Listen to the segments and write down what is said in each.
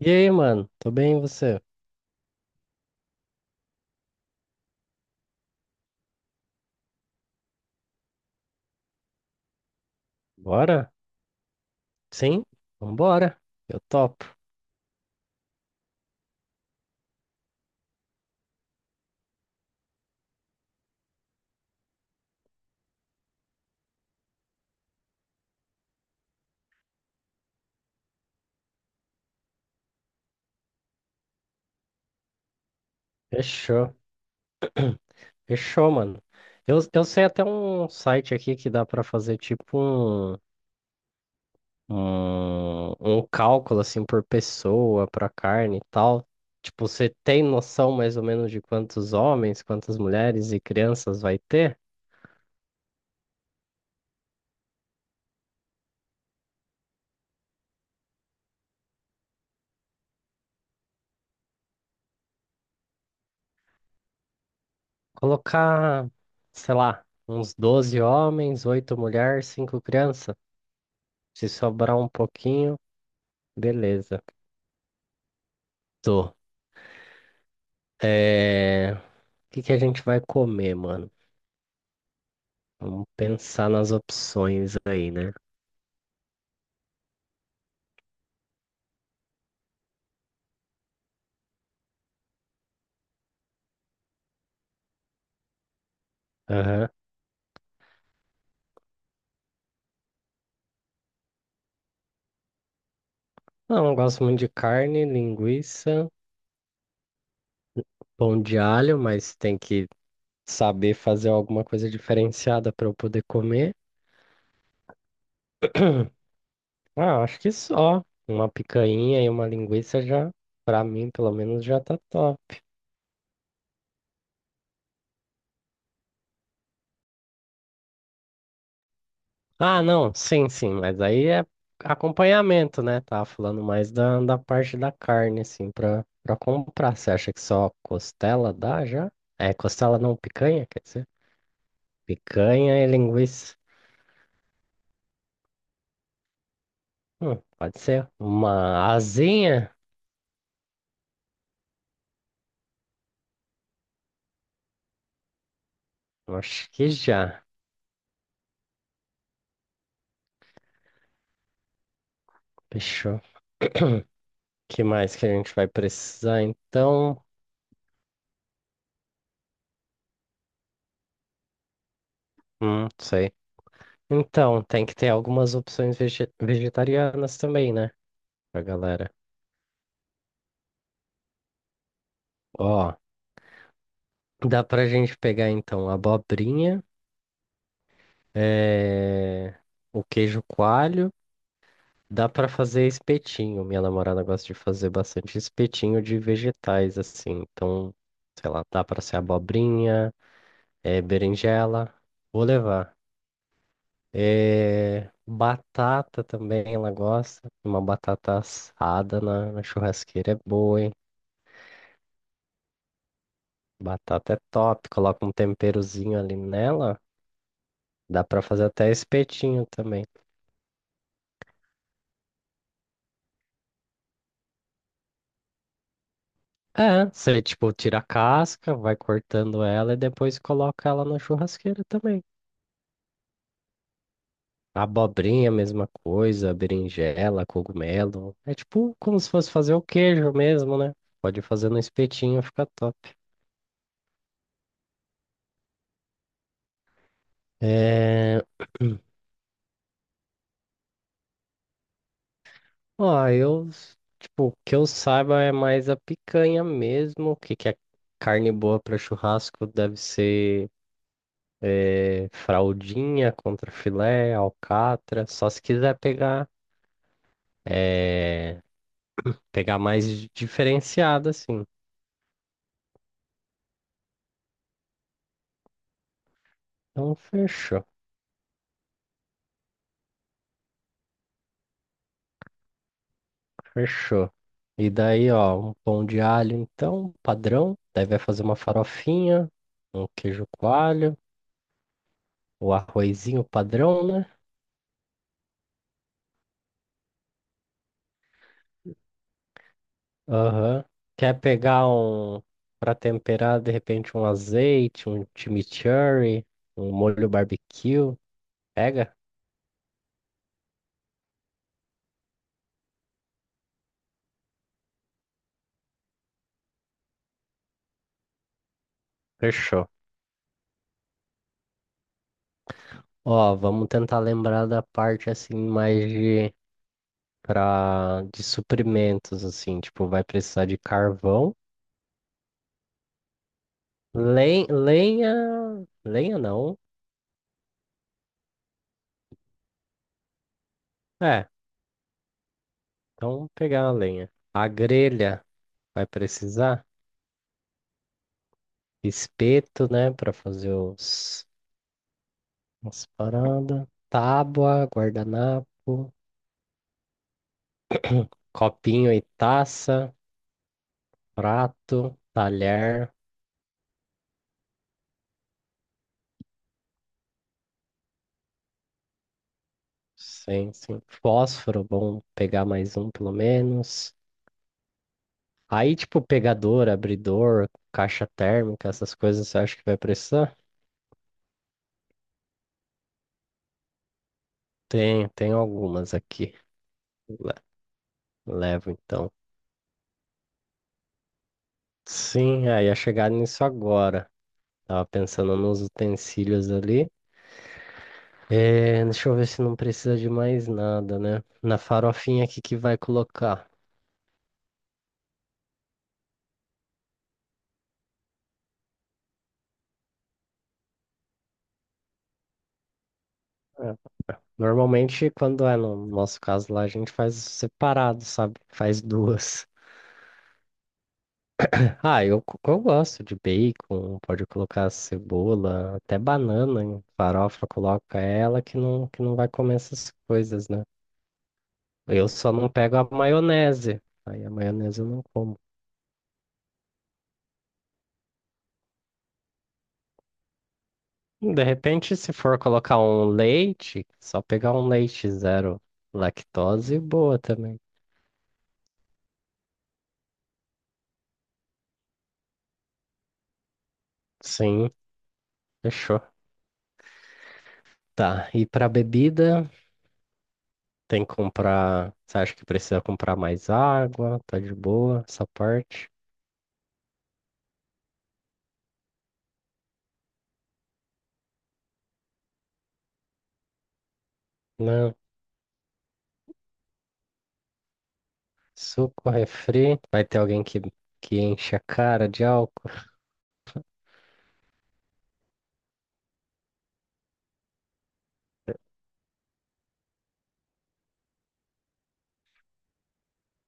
E aí, mano? Tô bem, e você? Bora? Sim? Vambora. Eu topo. Fechou. Fechou, mano. Eu sei até um site aqui que dá pra fazer tipo um, um cálculo assim por pessoa, pra carne e tal. Tipo, você tem noção mais ou menos de quantos homens, quantas mulheres e crianças vai ter? Colocar, sei lá, uns 12 homens, 8 mulheres, 5 crianças. Se sobrar um pouquinho, beleza. Tô. O que que a gente vai comer, mano? Vamos pensar nas opções aí, né? Aham. Não, eu gosto muito de carne, linguiça, pão de alho, mas tem que saber fazer alguma coisa diferenciada para eu poder comer. Ah, acho que só. Uma picanha e uma linguiça já, pra mim, pelo menos, já tá top. Ah, não, sim, sim, mas aí é acompanhamento, né? Tava falando mais da parte da carne, assim, pra comprar. Você acha que só costela dá já? É, costela não, picanha, quer dizer? Picanha e linguiça. Pode ser. Uma asinha? Acho que já. Fechou. O Que mais que a gente vai precisar, então? Sei. Então, tem que ter algumas opções vegetarianas também, né? Pra galera. Ó. Dá pra gente pegar então a abobrinha, eh, o queijo coalho. Dá pra fazer espetinho. Minha namorada gosta de fazer bastante espetinho de vegetais assim. Então, sei lá, dá pra ser abobrinha, berinjela. Vou levar. Batata também ela gosta. Uma batata assada na churrasqueira é boa, hein? Batata é top. Coloca um temperozinho ali nela. Dá pra fazer até espetinho também. É, você, tipo, tira a casca, vai cortando ela e depois coloca ela na churrasqueira também. A abobrinha, a mesma coisa, berinjela, cogumelo. É tipo como se fosse fazer o queijo mesmo, né? Pode fazer no espetinho, fica top. É... Ó, tipo, o que eu saiba é mais a picanha mesmo. O que que é carne boa para churrasco deve ser. É, fraldinha, contrafilé, alcatra. Só se quiser pegar. É, pegar mais diferenciada, assim. Então, fechou, fechou. E daí, ó, um pão de alho, então, padrão. Daí vai fazer uma farofinha, um queijo coalho, o arrozinho padrão, né? Aham. Quer pegar um, pra temperar, de repente, um azeite, um chimichurri, um molho barbecue? Pega? Fechou. Ó, vamos tentar lembrar da parte, assim, mais de para de suprimentos assim, tipo, vai precisar de carvão, lenha, lenha não. É, então pegar a lenha. A grelha vai precisar espeto, né, para fazer os as paradas, tábua, guardanapo, copinho e taça, prato, talher, sim, sim. Fósforo, bom pegar mais um pelo menos. Aí, tipo, pegador, abridor, caixa térmica, essas coisas você acha que vai precisar? Tem algumas aqui. Le- Levo então. Sim, aí ia chegar nisso agora. Tava pensando nos utensílios ali. É, deixa eu ver se não precisa de mais nada, né? Na farofinha aqui que vai colocar. É, normalmente, quando é no nosso caso lá, a gente faz separado, sabe? Faz duas. Ah, eu gosto de bacon, pode colocar cebola, até banana em farofa, coloca ela que não vai comer essas coisas, né? Eu só não pego a maionese, aí a maionese eu não como. De repente, se for colocar um leite, só pegar um leite zero lactose, boa também. Sim, fechou. Tá, e pra bebida, tem que comprar. Você acha que precisa comprar mais água? Tá de boa essa parte? Né? Suco, refri. Vai ter alguém que enche a cara de álcool?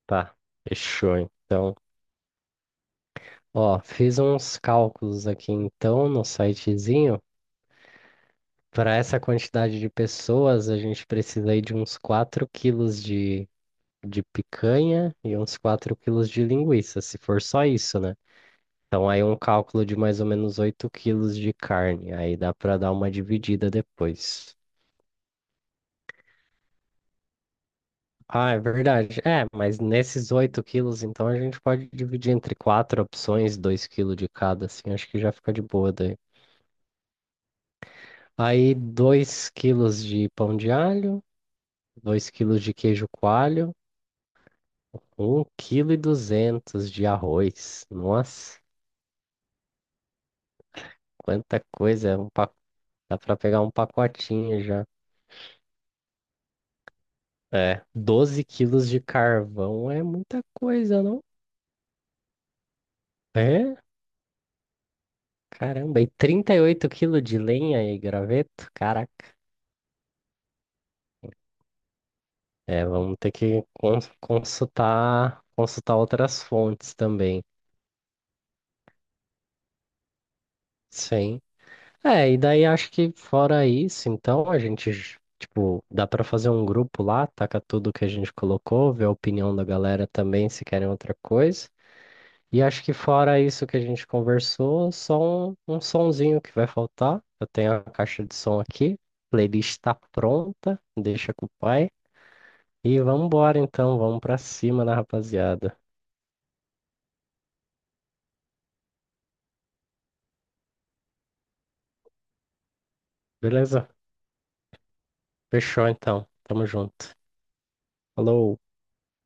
Tá, fechou então. Ó, fiz uns cálculos aqui então no sitezinho. Para essa quantidade de pessoas, a gente precisa aí de uns 4 quilos de picanha e uns 4 quilos de linguiça, se for só isso, né? Então aí um cálculo de mais ou menos 8 quilos de carne. Aí dá para dar uma dividida depois. Ah, é verdade. É, mas nesses 8 quilos, então, a gente pode dividir entre quatro opções, 2 quilos de cada, assim, acho que já fica de boa daí. Aí, 2 quilos de pão de alho, 2 quilos de queijo coalho, um quilo e 200 de arroz. Nossa, quanta coisa, dá pra pegar um pacotinho já. É, 12 quilos de carvão é muita coisa, não? É? Caramba, e 38 quilos de lenha e graveto? Caraca. É, vamos ter que consultar outras fontes também. Sim. É, e daí acho que fora isso, então a gente, tipo, dá pra fazer um grupo lá, taca tudo que a gente colocou, ver a opinião da galera também, se querem outra coisa. E acho que fora isso que a gente conversou, só um sonzinho que vai faltar. Eu tenho a caixa de som aqui, playlist tá pronta, deixa com o pai. E vamos embora então, vamos pra cima, né, rapaziada? Beleza? Fechou então. Tamo junto. Falou.